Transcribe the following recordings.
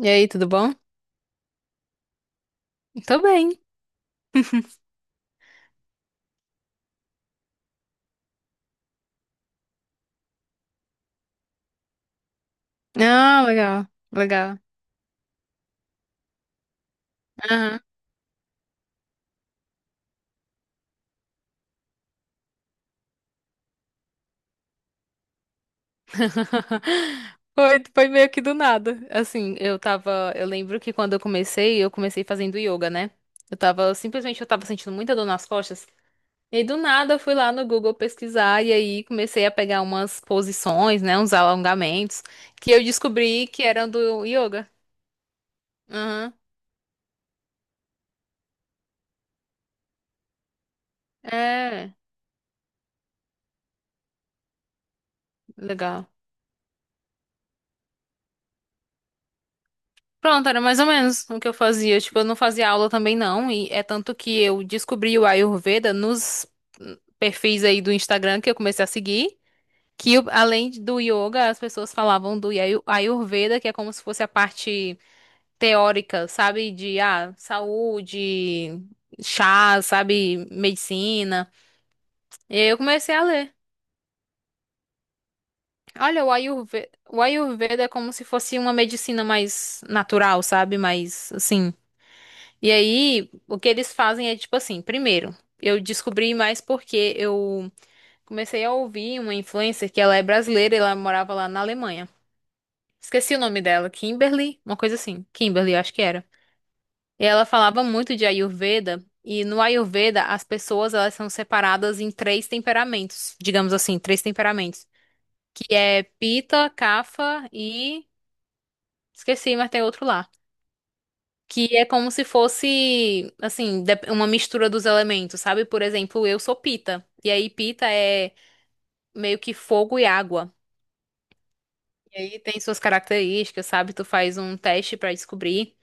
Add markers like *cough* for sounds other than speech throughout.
E aí, tudo bom? Tô bem. *laughs* Ah, legal, legal. Aham. *laughs* Foi meio que do nada. Assim, eu tava. Eu lembro que quando eu comecei fazendo yoga, né? Simplesmente eu tava sentindo muita dor nas costas. E aí, do nada eu fui lá no Google pesquisar e aí comecei a pegar umas posições, né? Uns alongamentos que eu descobri que eram do yoga. Aham. É, legal. Pronto, era mais ou menos o que eu fazia. Tipo, eu não fazia aula também não, e é tanto que eu descobri o Ayurveda nos perfis aí do Instagram que eu comecei a seguir, além do yoga, as pessoas falavam do Ayurveda, que é como se fosse a parte teórica, sabe, de saúde, chá, sabe, medicina. E aí eu comecei a ler. Olha, o Ayurveda é como se fosse uma medicina mais natural, sabe? Mais assim. E aí, o que eles fazem é tipo assim, primeiro, eu descobri mais porque eu comecei a ouvir uma influencer que ela é brasileira e ela morava lá na Alemanha. Esqueci o nome dela, Kimberly, uma coisa assim, Kimberly, eu acho que era. E ela falava muito de Ayurveda, e no Ayurveda as pessoas elas são separadas em três temperamentos, digamos assim, três temperamentos, que é pita, Kapha e esqueci, mas tem outro lá. Que é como se fosse, assim, uma mistura dos elementos, sabe? Por exemplo, eu sou pita. E aí, pita é meio que fogo e água. E aí tem suas características, sabe? Tu faz um teste pra descobrir.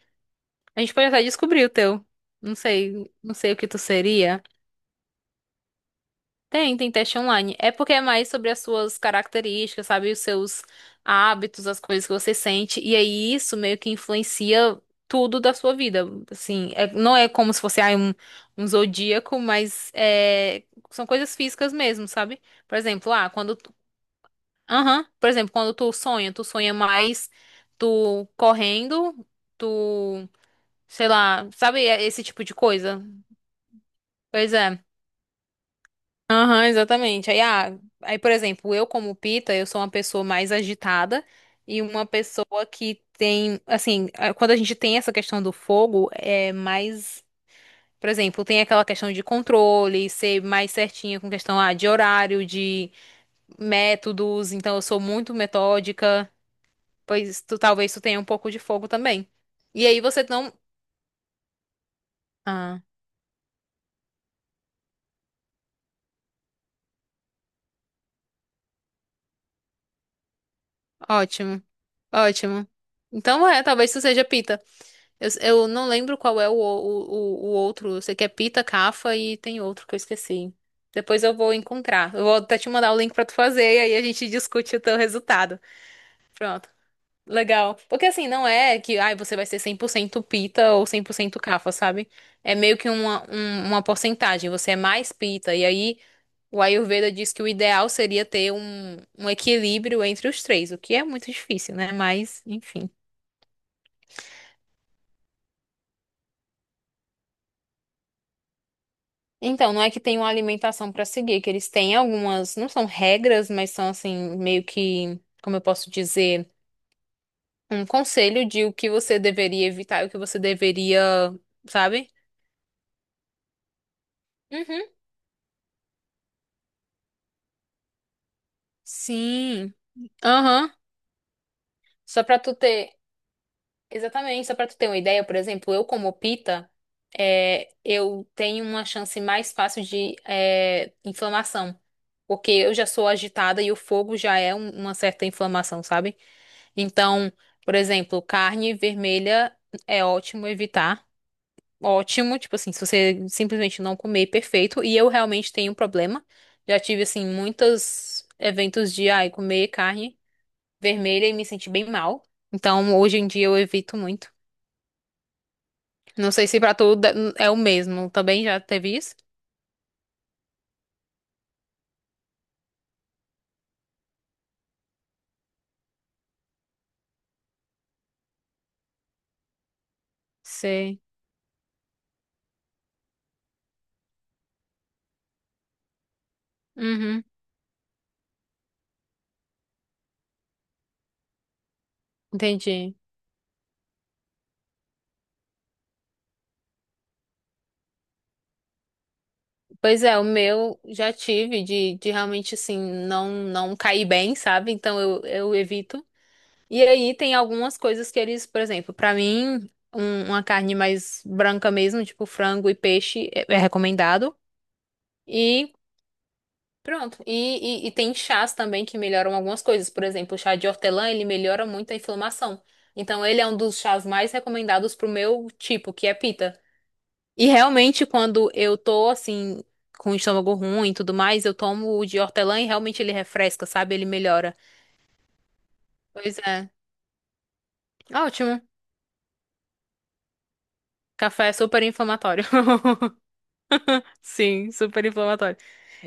A gente pode até descobrir o teu. Não sei o que tu seria. Tem teste online. É porque é mais sobre as suas características, sabe? Os seus hábitos, as coisas que você sente. E aí isso meio que influencia tudo da sua vida. Assim, não é como se fosse um zodíaco, mas é, são coisas físicas mesmo, sabe? Por exemplo, Aham. Por exemplo, quando tu sonha mais tu correndo, tu. Sei lá, sabe é esse tipo de coisa? Pois é. Aham, exatamente. Aí, por exemplo, eu como Pita, eu sou uma pessoa mais agitada e uma pessoa que tem, assim, quando a gente tem essa questão do fogo, é mais, por exemplo, tem aquela questão de controle, ser mais certinha com questão, de horário, de métodos, então eu sou muito metódica, talvez tu tenha um pouco de fogo também. E aí você não. Ah, ótimo, ótimo. Então é, talvez tu seja Pita. Eu não lembro qual é o outro. Eu sei que é Pita, Cafa e tem outro que eu esqueci. Depois eu vou encontrar. Eu vou até te mandar o link pra tu fazer e aí a gente discute o teu resultado. Pronto. Legal. Porque assim, não é que ai, você vai ser 100% Pita ou 100% Cafa, sabe? É meio que uma porcentagem. Você é mais Pita. E aí o Ayurveda diz que o ideal seria ter um equilíbrio entre os três, o que é muito difícil, né? Mas, enfim. Então, não é que tem uma alimentação para seguir, que eles têm algumas, não são regras, mas são assim, meio que, como eu posso dizer, um conselho de o que você deveria evitar e o que você deveria, sabe? Uhum. Sim. Aham. Só pra tu ter, exatamente, só pra tu ter uma ideia, por exemplo, eu como pita, é, eu tenho uma chance mais fácil de é, inflamação, porque eu já sou agitada e o fogo já é uma certa inflamação, sabe? Então, por exemplo, carne vermelha é ótimo evitar. Ótimo, tipo assim, se você simplesmente não comer, perfeito. E eu realmente tenho um problema. Já tive, assim, muitos eventos de, ai, comer carne vermelha e me senti bem mal. Então, hoje em dia eu evito muito. Não sei se pra tu é o mesmo. Também já teve isso? Sei. Uhum, entendi. Pois é, o meu já tive de realmente, assim, não cair bem, sabe? Então, eu evito. E aí tem algumas coisas que eles, por exemplo, pra mim, uma carne mais branca mesmo, tipo frango e peixe, é recomendado. E pronto. E tem chás também que melhoram algumas coisas. Por exemplo, o chá de hortelã, ele melhora muito a inflamação. Então, ele é um dos chás mais recomendados pro meu tipo, que é pita. E realmente, quando eu tô assim, com o estômago ruim e tudo mais, eu tomo o de hortelã e realmente ele refresca, sabe? Ele melhora. Pois é. Ótimo. Café é super inflamatório. *laughs* Sim, super inflamatório.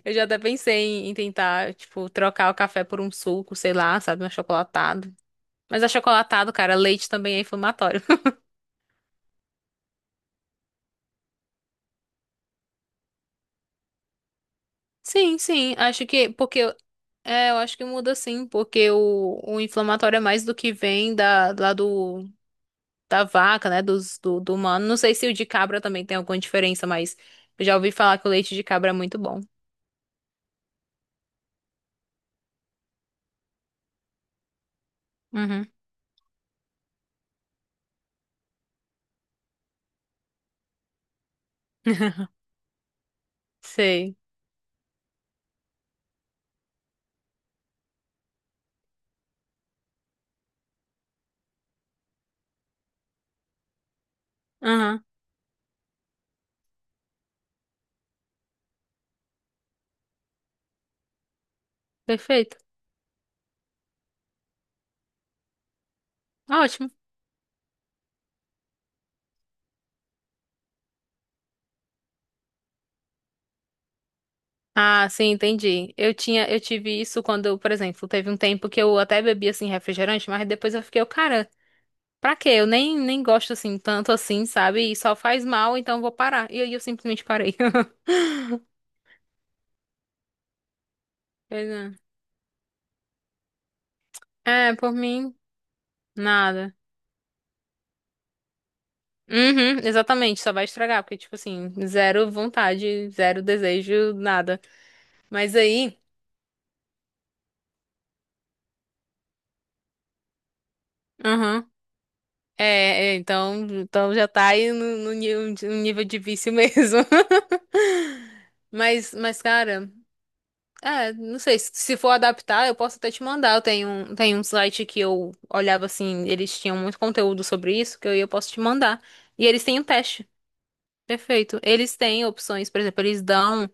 Eu já até pensei em tentar, tipo, trocar o café por um suco, sei lá, sabe, um achocolatado. Mas achocolatado, cara, leite também é inflamatório. *laughs* Sim, sim, acho que, porque, é, eu acho que muda sim, porque o inflamatório é mais do que vem da, lá do, da vaca, né, do humano. Não sei se o de cabra também tem alguma diferença, mas eu já ouvi falar que o leite de cabra é muito bom. Uhum. *laughs* Sei. Aham, perfeito. Ótimo. Ah, sim, entendi. Eu tive isso quando, por exemplo, teve um tempo que eu até bebi assim refrigerante, mas depois eu fiquei, cara, pra quê? Eu nem gosto assim tanto assim, sabe? E só faz mal, então eu vou parar. E aí eu simplesmente parei. *laughs* Pois É, por mim, nada. Uhum, exatamente, só vai estragar, porque tipo assim, zero vontade, zero desejo, nada. Mas aí, É, então já tá aí no nível de vício mesmo. *laughs* Mas, cara, é, não sei, se for adaptar, eu posso até te mandar. Tenho um site que eu olhava assim, eles tinham muito conteúdo sobre isso, que eu posso te mandar. E eles têm um teste. Perfeito. Eles têm opções, por exemplo, eles dão.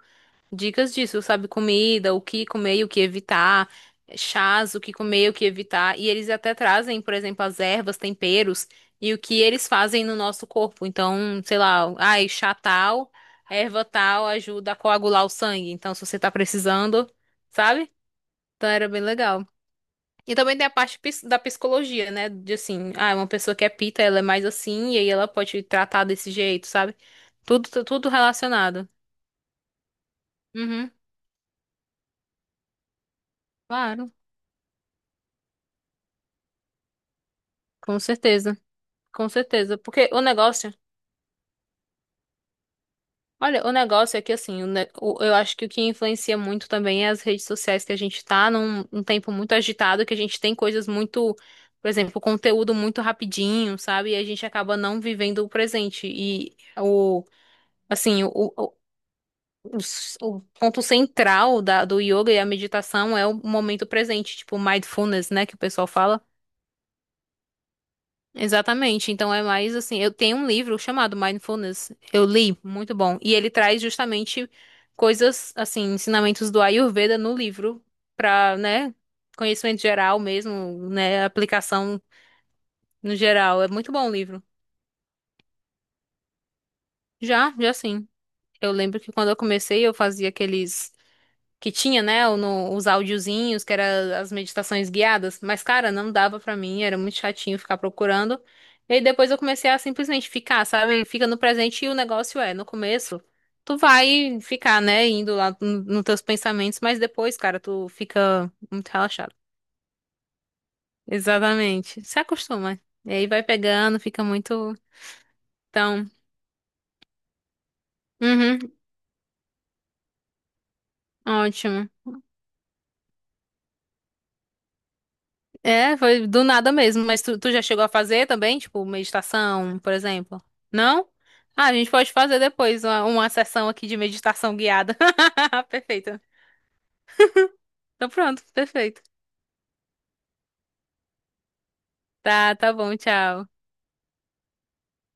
Dicas disso, sabe? Comida, o que comer e o que evitar, chás, o que comer e o que evitar. E eles até trazem, por exemplo, as ervas, temperos e o que eles fazem no nosso corpo. Então, sei lá, ai, chá tal, erva tal ajuda a coagular o sangue. Então, se você tá precisando, sabe? Então, era bem legal. E também tem a parte da psicologia, né? De assim, uma pessoa que é pita, ela é mais assim, e aí ela pode tratar desse jeito, sabe? Tudo, tudo relacionado. Uhum, claro, com certeza. Com certeza, porque o negócio, olha, o negócio é que assim, eu acho que o que influencia muito também é as redes sociais que a gente tá num tempo muito agitado, que a gente tem coisas muito, por exemplo, conteúdo muito rapidinho, sabe? E a gente acaba não vivendo o presente. E o, assim, o, o s- o ponto central do yoga e a meditação é o momento presente, tipo mindfulness, né, que o pessoal fala. Exatamente. Então é mais assim, eu tenho um livro chamado Mindfulness. Eu li, muito bom. E ele traz justamente coisas assim, ensinamentos do Ayurveda no livro para, né, conhecimento geral mesmo, né, aplicação no geral. É muito bom o livro. Já, já sim. Eu lembro que quando eu comecei, eu fazia aqueles que tinha, né, os áudiozinhos, que era as meditações guiadas, mas cara, não dava pra mim, era muito chatinho ficar procurando. E aí depois eu comecei a simplesmente ficar, sabe? Fica no presente e o negócio é, no começo tu vai ficar, né, indo lá nos teus pensamentos, mas depois, cara, tu fica muito relaxado. Exatamente. Se acostuma. E aí vai pegando, fica muito. Então, uhum, ótimo. É, foi do nada mesmo, mas tu já chegou a fazer também, tipo, meditação, por exemplo? Não? Ah, a gente pode fazer depois uma sessão aqui de meditação guiada. *laughs* Perfeito. Então pronto, perfeito. Tá, tá bom, tchau.